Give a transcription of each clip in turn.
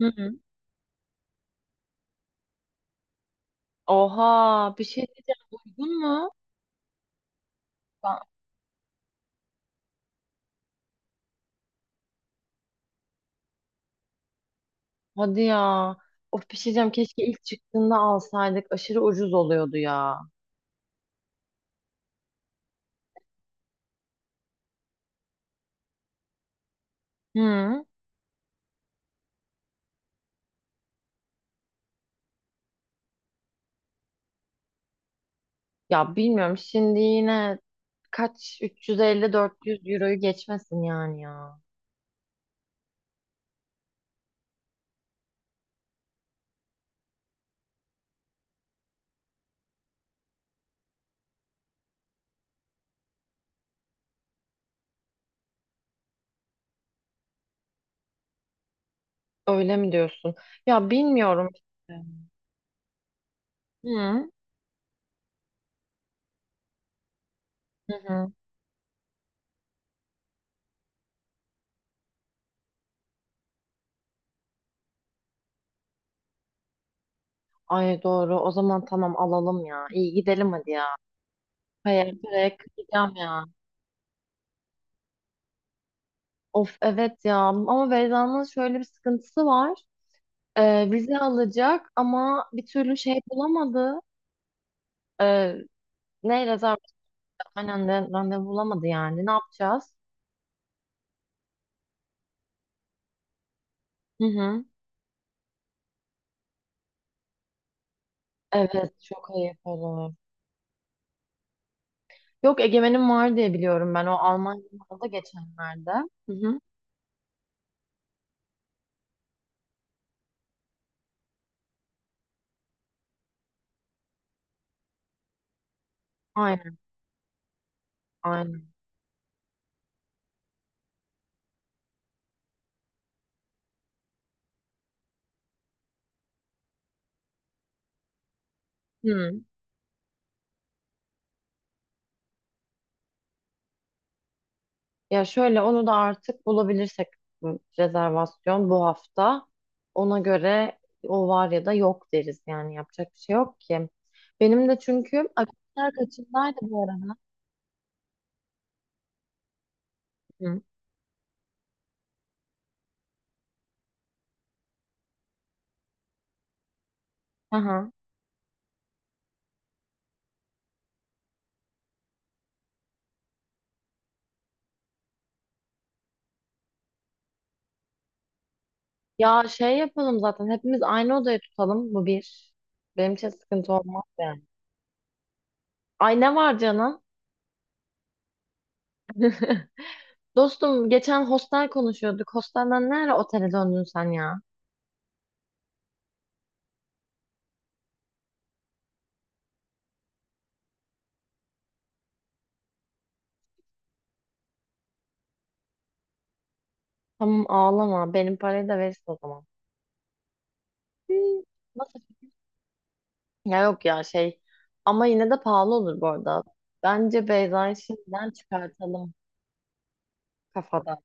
Hı hı. Oha bir şey diyeceğim uygun mu? Ben- Hadi ya. Of bir şey diyeceğim keşke ilk çıktığında alsaydık aşırı ucuz oluyordu ya. Hı. Ya bilmiyorum şimdi yine 350-400 euroyu geçmesin yani ya. Öyle mi diyorsun? Ya bilmiyorum işte. Hı. Hı hı. Ay doğru o zaman tamam alalım ya. İyi gidelim hadi ya. Hayır paraya kıyacağım ya. Of evet ya ama Beyza'nın şöyle bir sıkıntısı var. Vize alacak ama bir türlü şey bulamadı. Ee, ne rezervasyon aynen de randevu bulamadı yani. Ne yapacağız? Hı hı. Evet çok ayıp olur. Yok Egemen'in var diye biliyorum ben. O Almanya'da aldı geçenlerde. Hı hı. Aynen aynen. Hı. Ya şöyle onu da artık bulabilirsek bu rezervasyon bu hafta. Ona göre o var ya da yok deriz yani yapacak bir şey yok ki. Benim de çünkü akşamlar kaçındaydı bu arada. Hı. Aha. Ya şey yapalım zaten hepimiz aynı odayı tutalım bu bir. Benim için sıkıntı olmaz yani. Ay ne var canım? Dostum geçen hostel konuşuyorduk. Hostelden nereye otele döndün sen ya? Tamam ağlama benim parayı da verirsin o zaman. Hı. Nasıl? Ya yok ya şey ama yine de pahalı olur bu arada. Bence Beyza'yı şimdiden çıkartalım kafadan.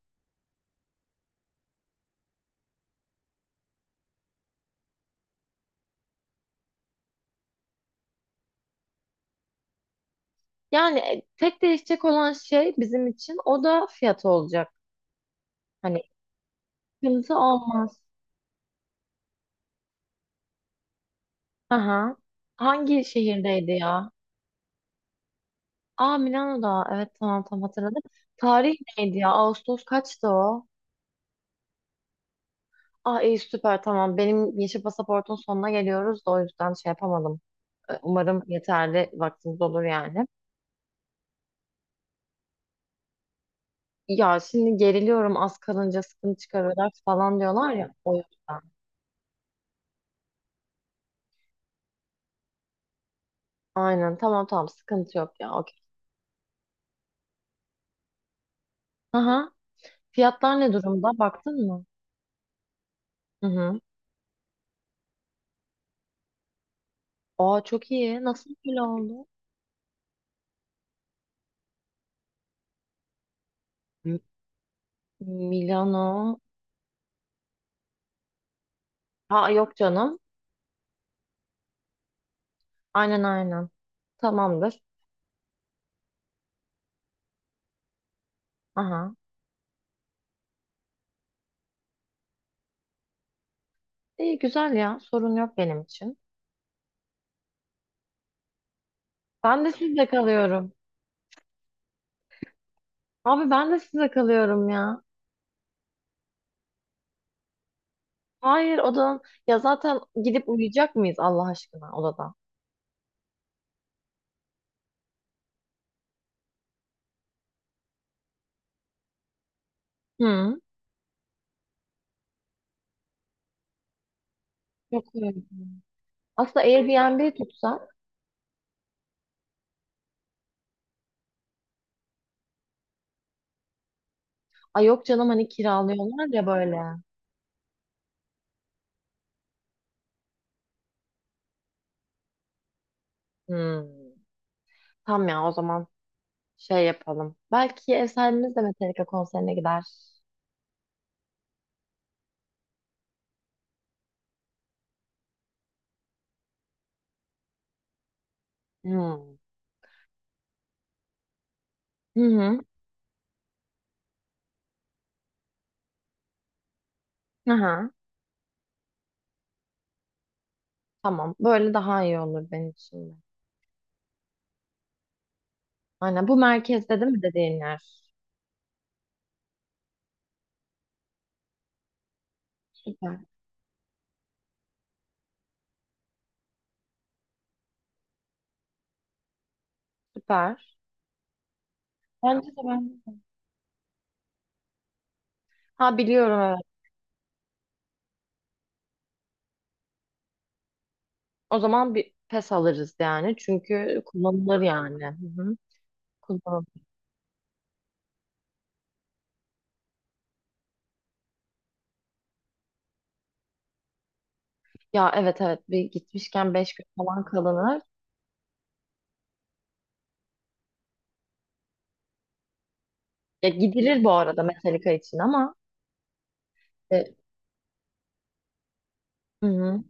Yani tek değişecek olan şey bizim için o da fiyatı olacak. Hani sıkıntı olmaz. Aha. Hangi şehirdeydi ya? Aa Milano'da. Evet tamam tamam hatırladım. Tarih neydi ya? Ağustos kaçtı o? Ah iyi süper tamam. Benim yeşil pasaportun sonuna geliyoruz da o yüzden şey yapamadım. Umarım yeterli vaktimiz olur yani. Ya şimdi geriliyorum az kalınca sıkıntı çıkarıyorlar falan diyorlar ya o yüzden. Aynen tamam tamam sıkıntı yok ya okey. Aha. Fiyatlar ne durumda? Baktın mı? Hı hı. Aa çok iyi. Nasıl böyle oldu? M- Milano. Ha yok canım. Aynen aynen. Tamamdır. Aha. İyi güzel ya. Sorun yok benim için. Ben de sizle kalıyorum. Abi ben de sizle kalıyorum ya. Hayır ya zaten gidip uyuyacak mıyız Allah aşkına odada? Hı. Yok öyle. Aslında Airbnb tutsak. Ay yok canım hani kiralıyorlar ya böyle. Hı. Tamam ya o zaman şey yapalım. Belki ev sahibimiz de Metallica konserine gider. Hı. Hı hı. Aha. Tamam. Böyle daha iyi olur benim için de. Aynen. Bu merkezde değil mi dediğin yer? Süper. Süper. Bence de ben. Ha biliyorum evet. O zaman bir pes alırız yani. Çünkü kullanılır yani. Hı hı. Kullanılır. Ya evet evet. Bir gitmişken 5 gün falan kalınır. Ya gidilir bu arada Metallica için ama. E, hı hı.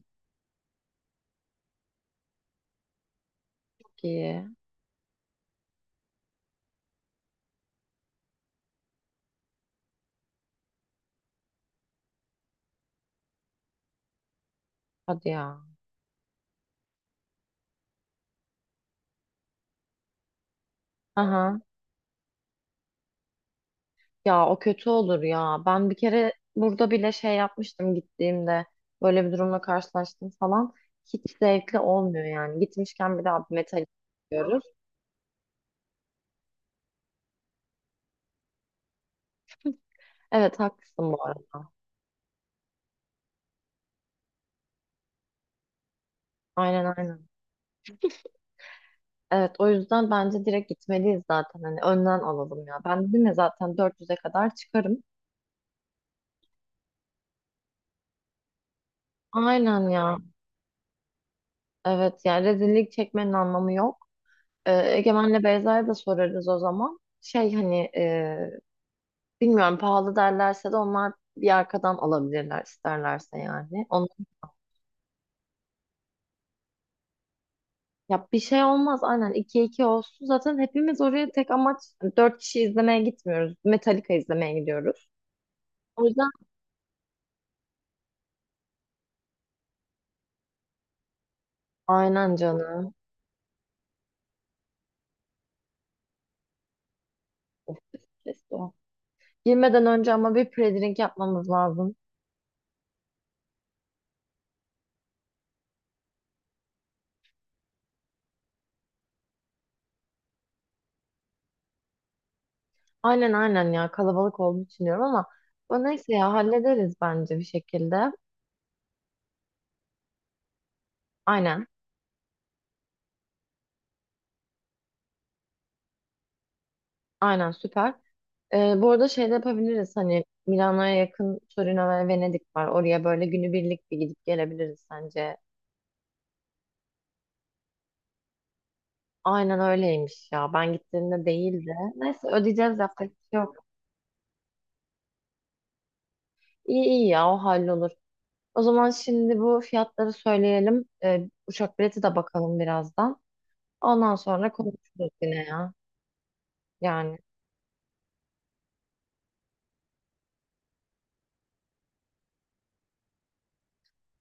Çok iyi. Hadi ya. Aha. Ya o kötü olur ya. Ben bir kere burada bile şey yapmıştım gittiğimde. Böyle bir durumla karşılaştım falan. Hiç zevkli olmuyor yani. Gitmişken bir daha bir metal diyoruz. Evet haklısın bu arada. Aynen aynen. Evet o yüzden bence direkt gitmeliyiz zaten. Hani önden alalım ya. Ben dedim ya zaten 400'e kadar çıkarım. Aynen ya. Evet yani rezillik çekmenin anlamı yok. Ee, Egemen'le Beyza'ya da sorarız o zaman. Şey hani bilmiyorum pahalı derlerse de onlar bir arkadan alabilirler isterlerse yani. Onun, ya bir şey olmaz aynen 2'ye 2 olsun. Zaten hepimiz oraya tek amaç hani 4 kişi izlemeye gitmiyoruz. Metallica izlemeye gidiyoruz. O yüzden aynen canım. Kesin. Girmeden önce ama bir pre-drink yapmamız lazım. Aynen aynen ya kalabalık olduğunu düşünüyorum ama bu neyse ya hallederiz bence bir şekilde. Aynen aynen süper. Bu arada şey de yapabiliriz hani Milano'ya yakın Torino ve Venedik var. Oraya böyle günübirlik bir gidip gelebiliriz sence. Aynen öyleymiş ya. Ben gittiğimde değildi. Neyse ödeyeceğiz yapacak bir şey yok. İyi iyi ya o hallolur. O zaman şimdi bu fiyatları söyleyelim. Uçak bileti de bakalım birazdan. Ondan sonra konuşuruz yine ya. Yani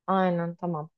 aynen tamam.